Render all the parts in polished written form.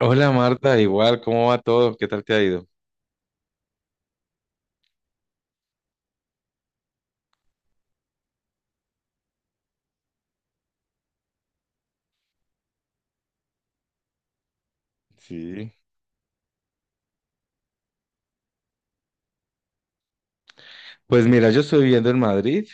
Hola Marta, igual, ¿cómo va todo? ¿Qué tal te ha ido? Sí. Pues mira, yo estoy viviendo en Madrid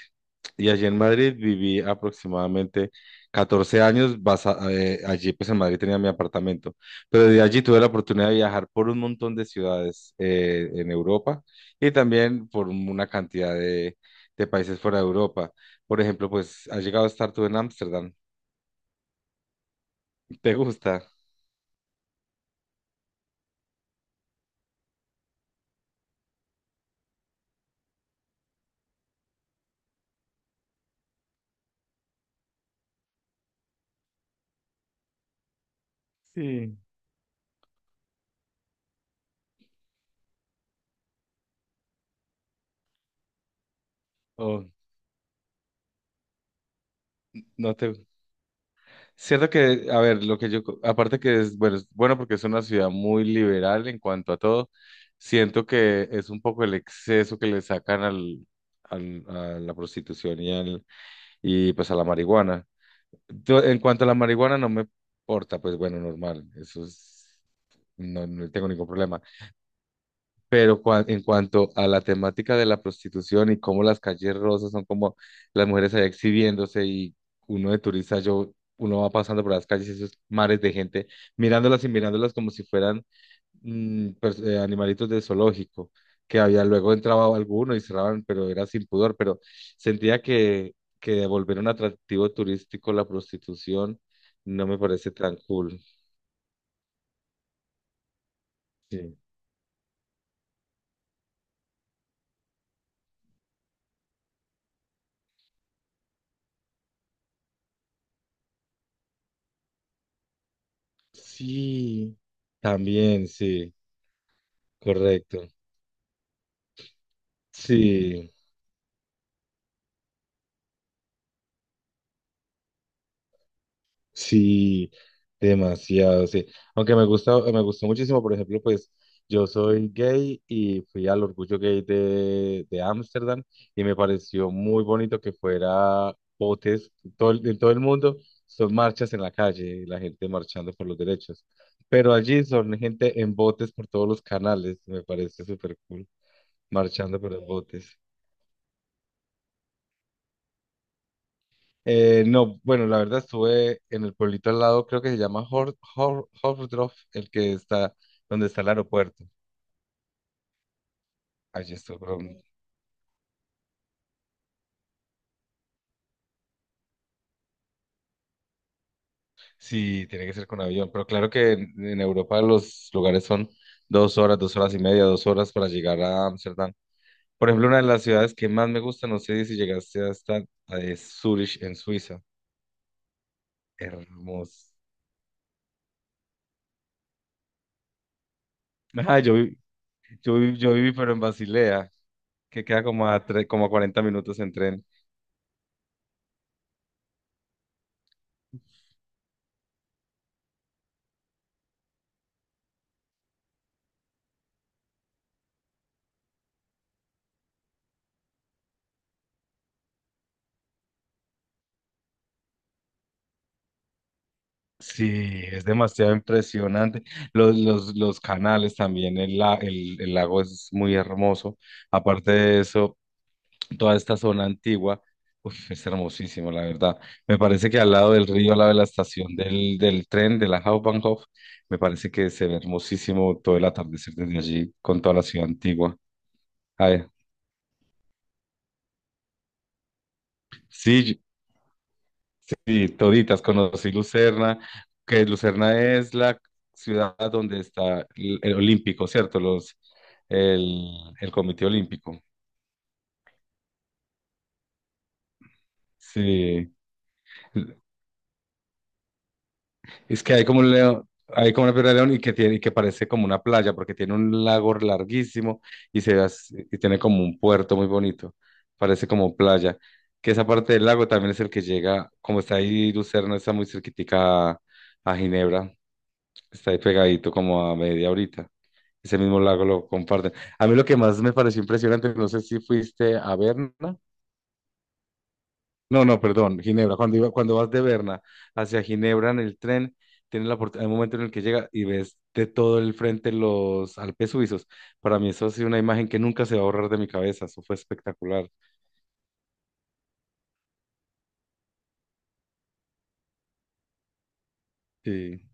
y allí en Madrid viví aproximadamente 14 años. Allí pues en Madrid tenía mi apartamento, pero de allí tuve la oportunidad de viajar por un montón de ciudades en Europa, y también por una cantidad de países fuera de Europa. Por ejemplo, pues has llegado a estar tú en Ámsterdam. ¿Te gusta? Sí. ¿O no te...? Cierto que, a ver, lo que yo, aparte que es bueno porque es una ciudad muy liberal en cuanto a todo. Siento que es un poco el exceso que le sacan al, a la prostitución y, y pues a la marihuana. Yo, en cuanto a la marihuana no me importa, pues bueno, normal, eso es, no tengo ningún problema. Pero en cuanto a la temática de la prostitución y cómo las calles rosas son como las mujeres allá exhibiéndose, y uno de turista, uno va pasando por las calles, esos mares de gente, mirándolas y mirándolas como si fueran animalitos de zoológico, que había, luego entraba alguno y cerraban, pero era sin pudor. Pero sentía que, devolver un atractivo turístico la prostitución no me parece tan cool. Sí, sí, también, sí, correcto. Sí, sí, demasiado, sí. Aunque me gusta, me gustó muchísimo, por ejemplo, pues yo soy gay y fui al Orgullo Gay de Ámsterdam, y me pareció muy bonito que fuera botes. Todo, en todo el mundo, son marchas en la calle, la gente marchando por los derechos. Pero allí son gente en botes por todos los canales, me parece súper cool, marchando por los botes. No, bueno, la verdad estuve en el pueblito al lado, creo que se llama Hordorf, el que está donde está el aeropuerto. Allí estuve, pero sí, tiene que ser con avión. Pero claro que en Europa los lugares son dos horas y media, dos horas para llegar a Ámsterdam. Por ejemplo, una de las ciudades que más me gusta, no sé si llegaste hasta, es Zurich, en Suiza. Hermoso. Ajá, yo viví, pero en Basilea, que queda como a 40 minutos en tren. Sí, es demasiado impresionante. Los canales también, el lago es muy hermoso. Aparte de eso, toda esta zona antigua, uf, es hermosísimo, la verdad. Me parece que al lado del río, al lado de la estación del, tren, de la Hauptbahnhof, me parece que se ve hermosísimo todo el atardecer desde allí con toda la ciudad antigua. Ay, sí. Sí, toditas, conocí Lucerna, que Lucerna es la ciudad donde está el Olímpico, ¿cierto? El, el Comité Olímpico. Sí, es que hay como un león, hay como una piedra de león, y que tiene, y que parece como una playa, porque tiene un lago larguísimo y se ve y tiene como un puerto muy bonito, parece como playa. Que esa parte del lago también es el que llega, como está ahí Lucerna, está muy cerquitica a Ginebra. Está ahí pegadito como a media horita. Ese mismo lago lo comparten. A mí lo que más me pareció impresionante, no sé si fuiste a Berna. No, no, perdón, Ginebra. Cuando cuando vas de Berna hacia Ginebra en el tren, tienes la oportunidad, hay un momento en el que llega y ves de todo el frente los Alpes suizos. Para mí eso ha sido una imagen que nunca se va a borrar de mi cabeza. Eso fue espectacular. Sí,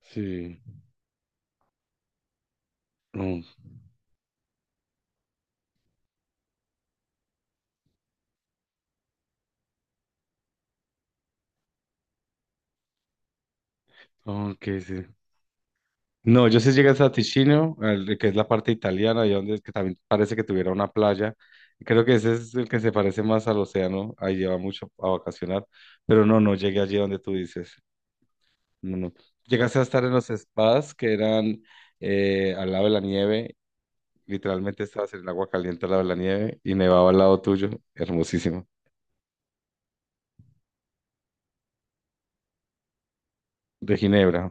sí. No, ok, sí. No, yo sí llegué a Ticino, que es la parte italiana, y donde es que también parece que tuviera una playa. Creo que ese es el que se parece más al océano, ahí lleva mucho a vacacionar, pero no, no llegué allí donde tú dices. No, no. Llegaste a estar en los spas que eran al lado de la nieve, literalmente estabas en el agua caliente al lado de la nieve y nevaba al lado tuyo, hermosísimo, de Ginebra.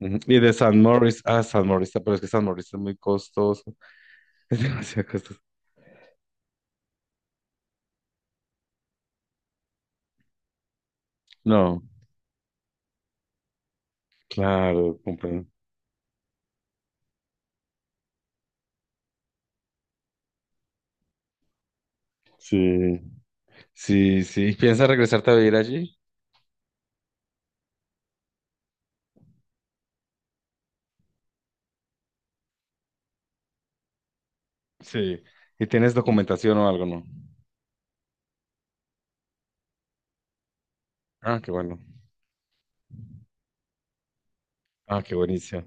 Ujú. Y de San Moritz, San Moritz, pero es que San Moritz es muy costoso, es demasiado costoso. No, claro, comprendo. Sí, sí, sí. ¿Piensas regresarte a vivir allí? Sí. ¿Y tienes documentación o algo, no? Ah, qué bueno. Ah, qué buenísimo.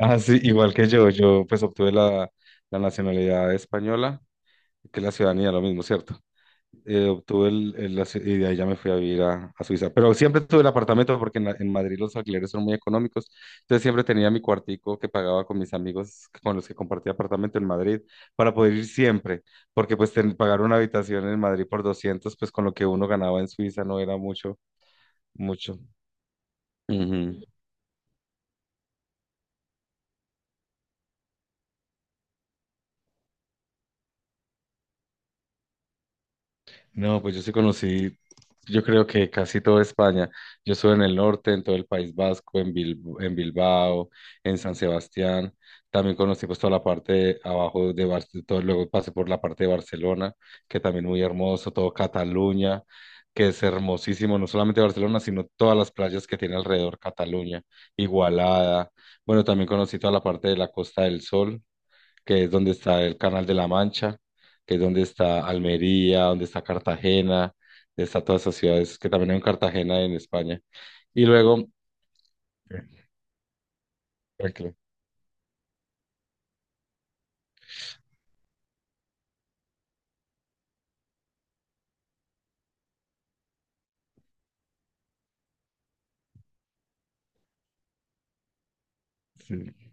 Ah, sí, igual que yo pues obtuve la, nacionalidad española, que es la ciudadanía, lo mismo, ¿cierto? Obtuve el asilo, y de ahí ya me fui a vivir a Suiza. Pero siempre tuve el apartamento porque en, en Madrid los alquileres son muy económicos. Entonces siempre tenía mi cuartico que pagaba con mis amigos con los que compartía apartamento en Madrid para poder ir siempre. Porque pues pagar una habitación en Madrid por 200, pues con lo que uno ganaba en Suiza no era mucho, mucho. Ujú. No, pues yo sí conocí, yo creo que casi toda España. Yo estuve en el norte, en todo el País Vasco, en en Bilbao, en San Sebastián. También conocí pues toda la parte de abajo de Barcelona, luego pasé por la parte de Barcelona, que también muy hermoso, todo Cataluña, que es hermosísimo, no solamente Barcelona, sino todas las playas que tiene alrededor Cataluña, Igualada. Bueno, también conocí toda la parte de la Costa del Sol, que es donde está el Canal de la Mancha, que es donde está Almería, donde está Cartagena, donde está todas esas ciudades, que también hay en Cartagena en España. Y luego, tranquilo, sí.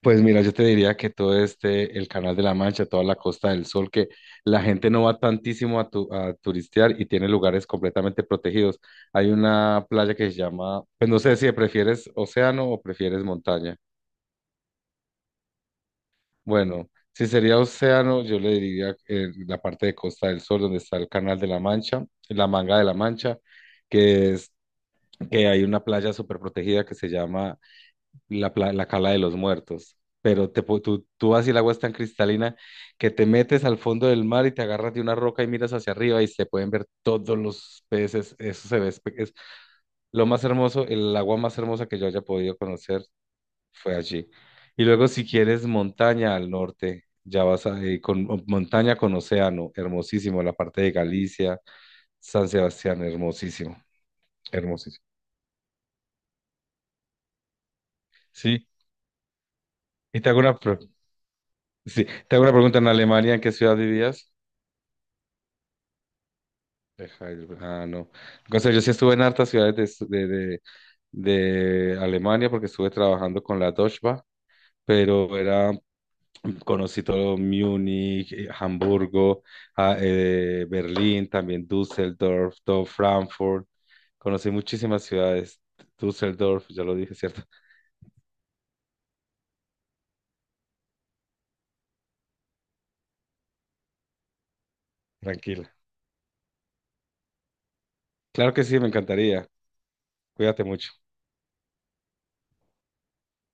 Pues mira, yo te diría que todo este, el Canal de la Mancha, toda la Costa del Sol, que la gente no va tantísimo a turistear, y tiene lugares completamente protegidos. Hay una playa que se llama, pues no sé si prefieres océano o prefieres montaña. Bueno, si sería océano, yo le diría la parte de Costa del Sol, donde está el Canal de la Mancha, la Manga de la Mancha, que es que hay una playa súper protegida que se llama la, la Cala de los Muertos. Pero tú vas y el agua es tan cristalina que te metes al fondo del mar y te agarras de una roca y miras hacia arriba y se pueden ver todos los peces. Eso se ve, es lo más hermoso, el agua más hermosa que yo haya podido conocer fue allí. Y luego, si quieres montaña al norte, ya vas montaña con océano, hermosísimo, la parte de Galicia, San Sebastián, hermosísimo, hermosísimo. Sí, y te hago una, pre- sí, te hago una pregunta, ¿en Alemania en qué ciudad vivías? Heidelberg. No. O sea, yo sí estuve en hartas ciudades de, de Alemania, porque estuve trabajando con la Deutsche Bahn, pero era. Conocí todo Múnich, Hamburgo, Berlín, también Düsseldorf, todo Frankfurt. Conocí muchísimas ciudades. Düsseldorf, ya lo dije, ¿cierto? Tranquila. Claro que sí, me encantaría. Cuídate mucho.